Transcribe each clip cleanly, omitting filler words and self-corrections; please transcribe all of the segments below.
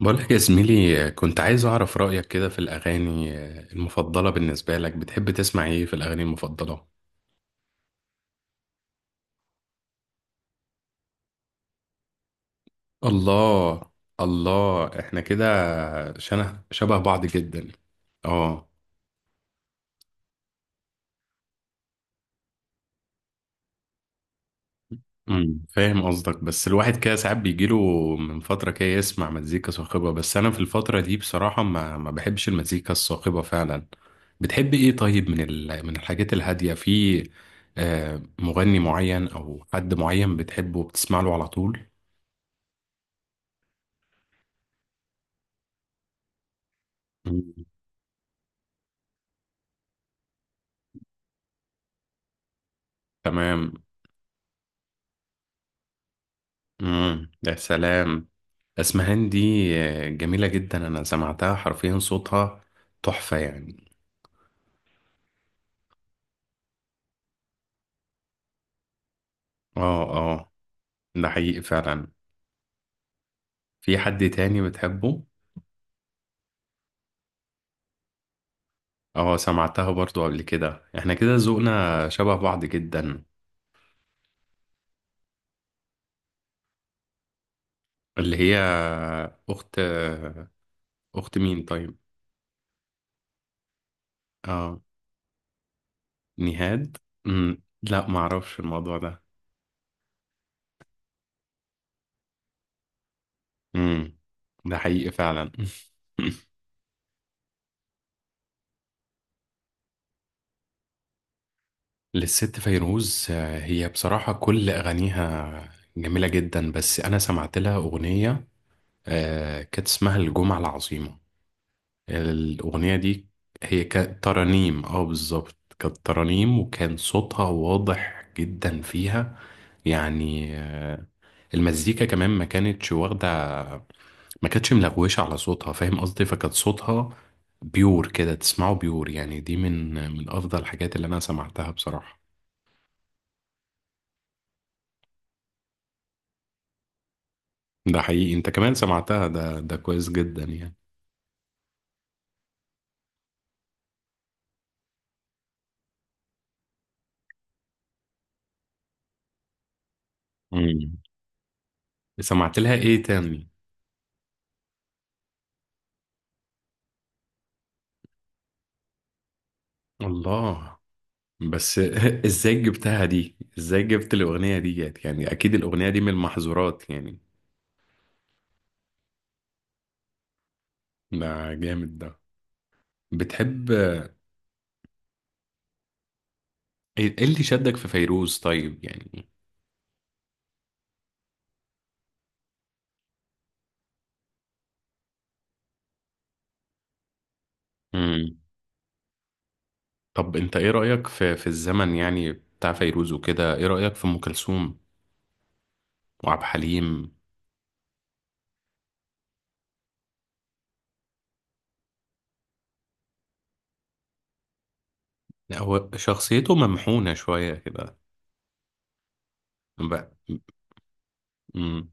بقولك يا زميلي، كنت عايز أعرف رأيك كده في الأغاني المفضلة. بالنسبة لك، بتحب تسمع إيه في الأغاني المفضلة؟ الله. الله، إحنا كده شنه شبه بعض جدا. آه. فاهم قصدك، بس الواحد كده ساعات بيجيله من فترة كده يسمع مزيكا صاخبة، بس أنا في الفترة دي بصراحة ما بحبش المزيكا الصاخبة فعلا. بتحب إيه طيب، من من الحاجات الهادية، في مغني معين أو حد معين بتحبه وبتسمع له على طول؟ مم. تمام. مم. يا سلام. اسمهان دي جميلة جدا، انا سمعتها حرفيا صوتها تحفة يعني. اه، اه، ده حقيقي فعلا. في حد تاني بتحبه؟ اه، سمعتها برضو قبل كده، احنا كده ذوقنا شبه بعض جدا. اللي هي اخت اخت مين طيب؟ اه، نهاد. لا معرفش الموضوع ده. مم. ده حقيقي فعلا. للست فيروز، هي بصراحة كل أغانيها جميلة جدا، بس أنا سمعت لها أغنية كانت اسمها الجمعة العظيمة، الأغنية دي. هي كانت ترانيم، اه بالظبط، كانت ترانيم، وكان صوتها واضح جدا فيها يعني. المزيكا كمان ما كانتش واخدة، ما كانتش ملغوشة على صوتها، فاهم قصدي؟ فكانت صوتها بيور كده، تسمعه بيور يعني، دي من أفضل الحاجات اللي أنا سمعتها بصراحة. ده حقيقي، انت كمان سمعتها، ده كويس جدا يعني. امم سمعت لها ايه تاني؟ الله، بس ازاي جبتها دي؟ ازاي جبت الاغنية دي جت؟ يعني اكيد الاغنية دي من المحظورات يعني. ده جامد ده. بتحب ايه؟ إيه اللي شدك في فيروز طيب يعني؟ امم طب انت ايه رأيك في الزمن يعني بتاع فيروز وكده، ايه رأيك في ام كلثوم وعبد الحليم؟ لا، هو شخصيته ممحونة شوية كده بقى. امم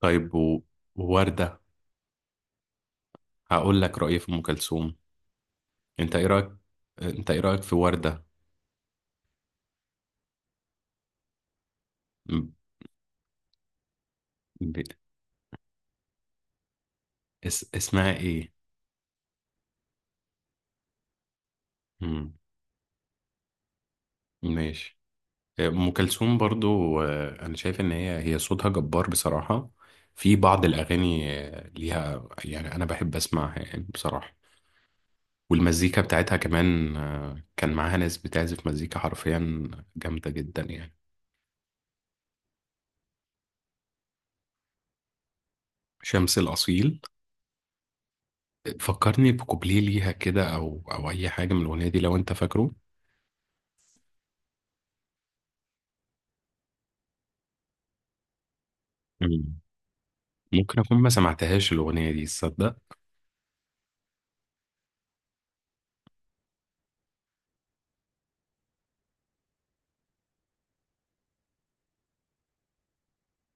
طيب ووردة. هقول لك رأيي في أم كلثوم. أنت إيه رأيك أنت إيه رأيك في وردة؟ م- ب... اسمها إيه؟ مم. ماشي. أم كلثوم برضو، أنا شايف إن هي صوتها جبار بصراحة. في بعض الأغاني ليها، يعني أنا بحب أسمعها يعني بصراحة. والمزيكا بتاعتها كمان، كان معاها ناس بتعزف مزيكا حرفيا جامدة جدا يعني. شمس الأصيل. فكرني بكوبليه ليها كده، أو أي حاجة من الأغنية دي لو أنت فاكره. مم. ممكن أكون ما سمعتهاش الأغنية دي، تصدق.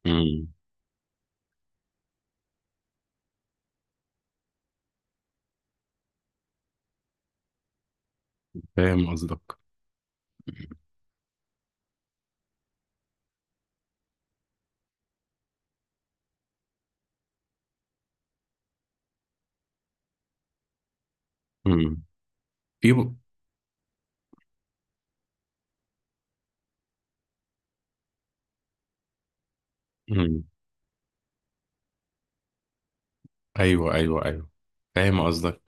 مم. فاهم قصدك. مم. في ب... مم. أيوه، أيوه، أيوه. فاهم قصدك.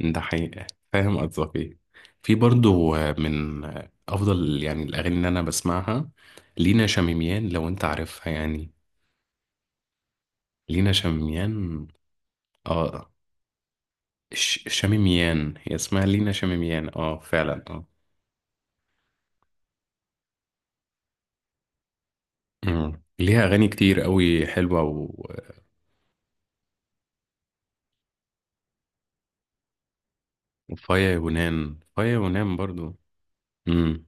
ده حقيقة. فاهم قصدك إيه. في برضو من أفضل يعني الأغاني اللي أنا بسمعها، لينا شميميان، لو أنت عارفها يعني. لينا شميميان. آه شميميان، هي اسمها لينا شميميان، فعلا، آه. ليها أغاني كتير قوي حلوة و... وفايا يونان، فايا يونان برضو. امم.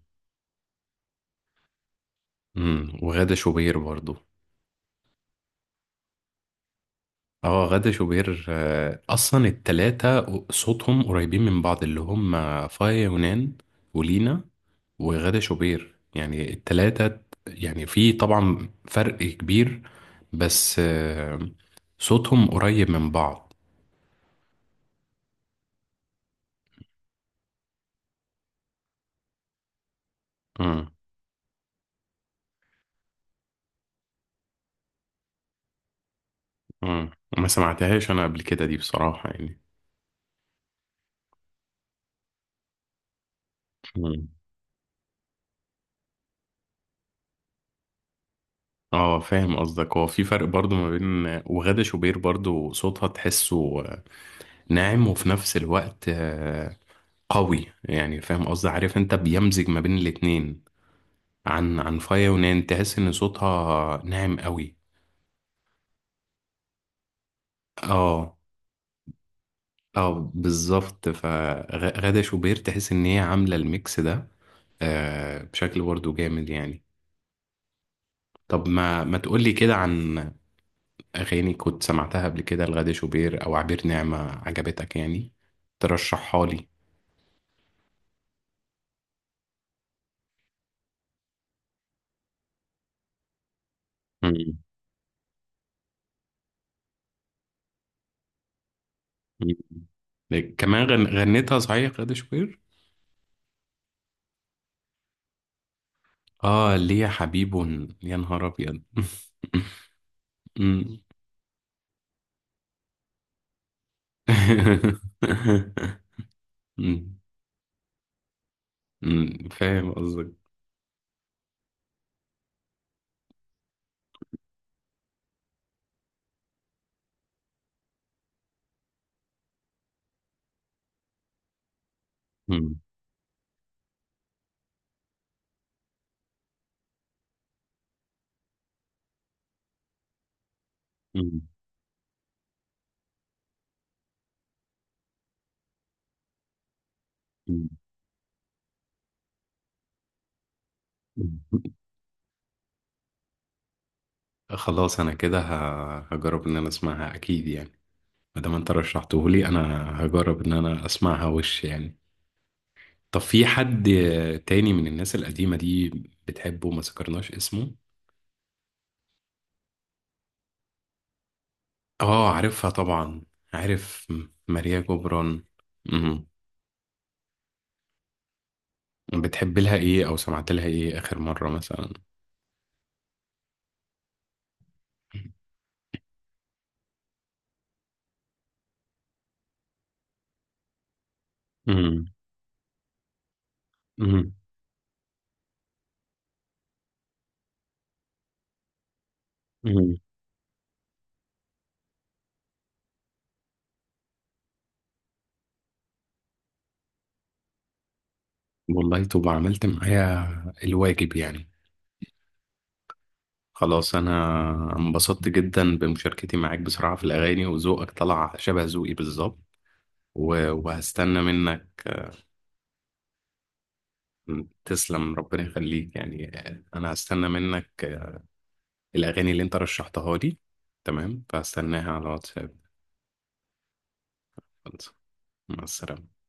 وغادة شوبير برضو. اه، غادة شوبير، اصلا التلاتة صوتهم قريبين من بعض، اللي هم فايا يونان، ولينا، وغادة شوبير، يعني التلاتة. يعني في طبعا فرق كبير، بس صوتهم قريب من بعض. امم. امم. ما سمعتهاش انا قبل كده دي، بصراحة يعني. مم. اه، فاهم قصدك. هو في فرق برضو ما بين وغادة شوبير، برضو صوتها تحسه ناعم، وفي نفس الوقت قوي يعني. فاهم قصدي؟ عارف انت، بيمزج ما بين الاتنين. عن فايا ونان، تحس ان صوتها ناعم قوي. اه، اه، بالظبط. فغادة شوبير تحس ان هي عاملة الميكس ده، بشكل برضه جامد يعني. طب ما تقولي كده عن اغاني كنت سمعتها قبل كده لغادة شوبير او عبير نعمة عجبتك، يعني ترشحها لي. مم. مم. كمان غنتها صحيح غادة شوبير؟ اه، ليه يا حبيب. يا نهار ابيض. أمم. أمم. أمم. فاهم قصدك. أمم. أمم. أمم. خلاص انا كده هجرب ان انا اسمعها اكيد يعني، ما دام انت رشحته لي، انا هجرب ان انا اسمعها وش يعني. طب في حد تاني من الناس القديمة دي بتحبه ما ذكرناش اسمه؟ اه، عارفها طبعا. عارف. ماريا جبران. بتحب لها ايه، او سمعت لها ايه اخر مرة مثلا؟ امم. امم. امم والله، طب عملت معايا الواجب يعني. خلاص، انا انبسطت جدا بمشاركتي معاك بصراحة في الاغاني، وذوقك طلع شبه ذوقي بالظبط، وهستنى منك. تسلم، ربنا يخليك يعني. انا هستنى منك الاغاني اللي انت رشحتها لي، تمام، فهستناها على واتساب. خلاص. مع السلامة.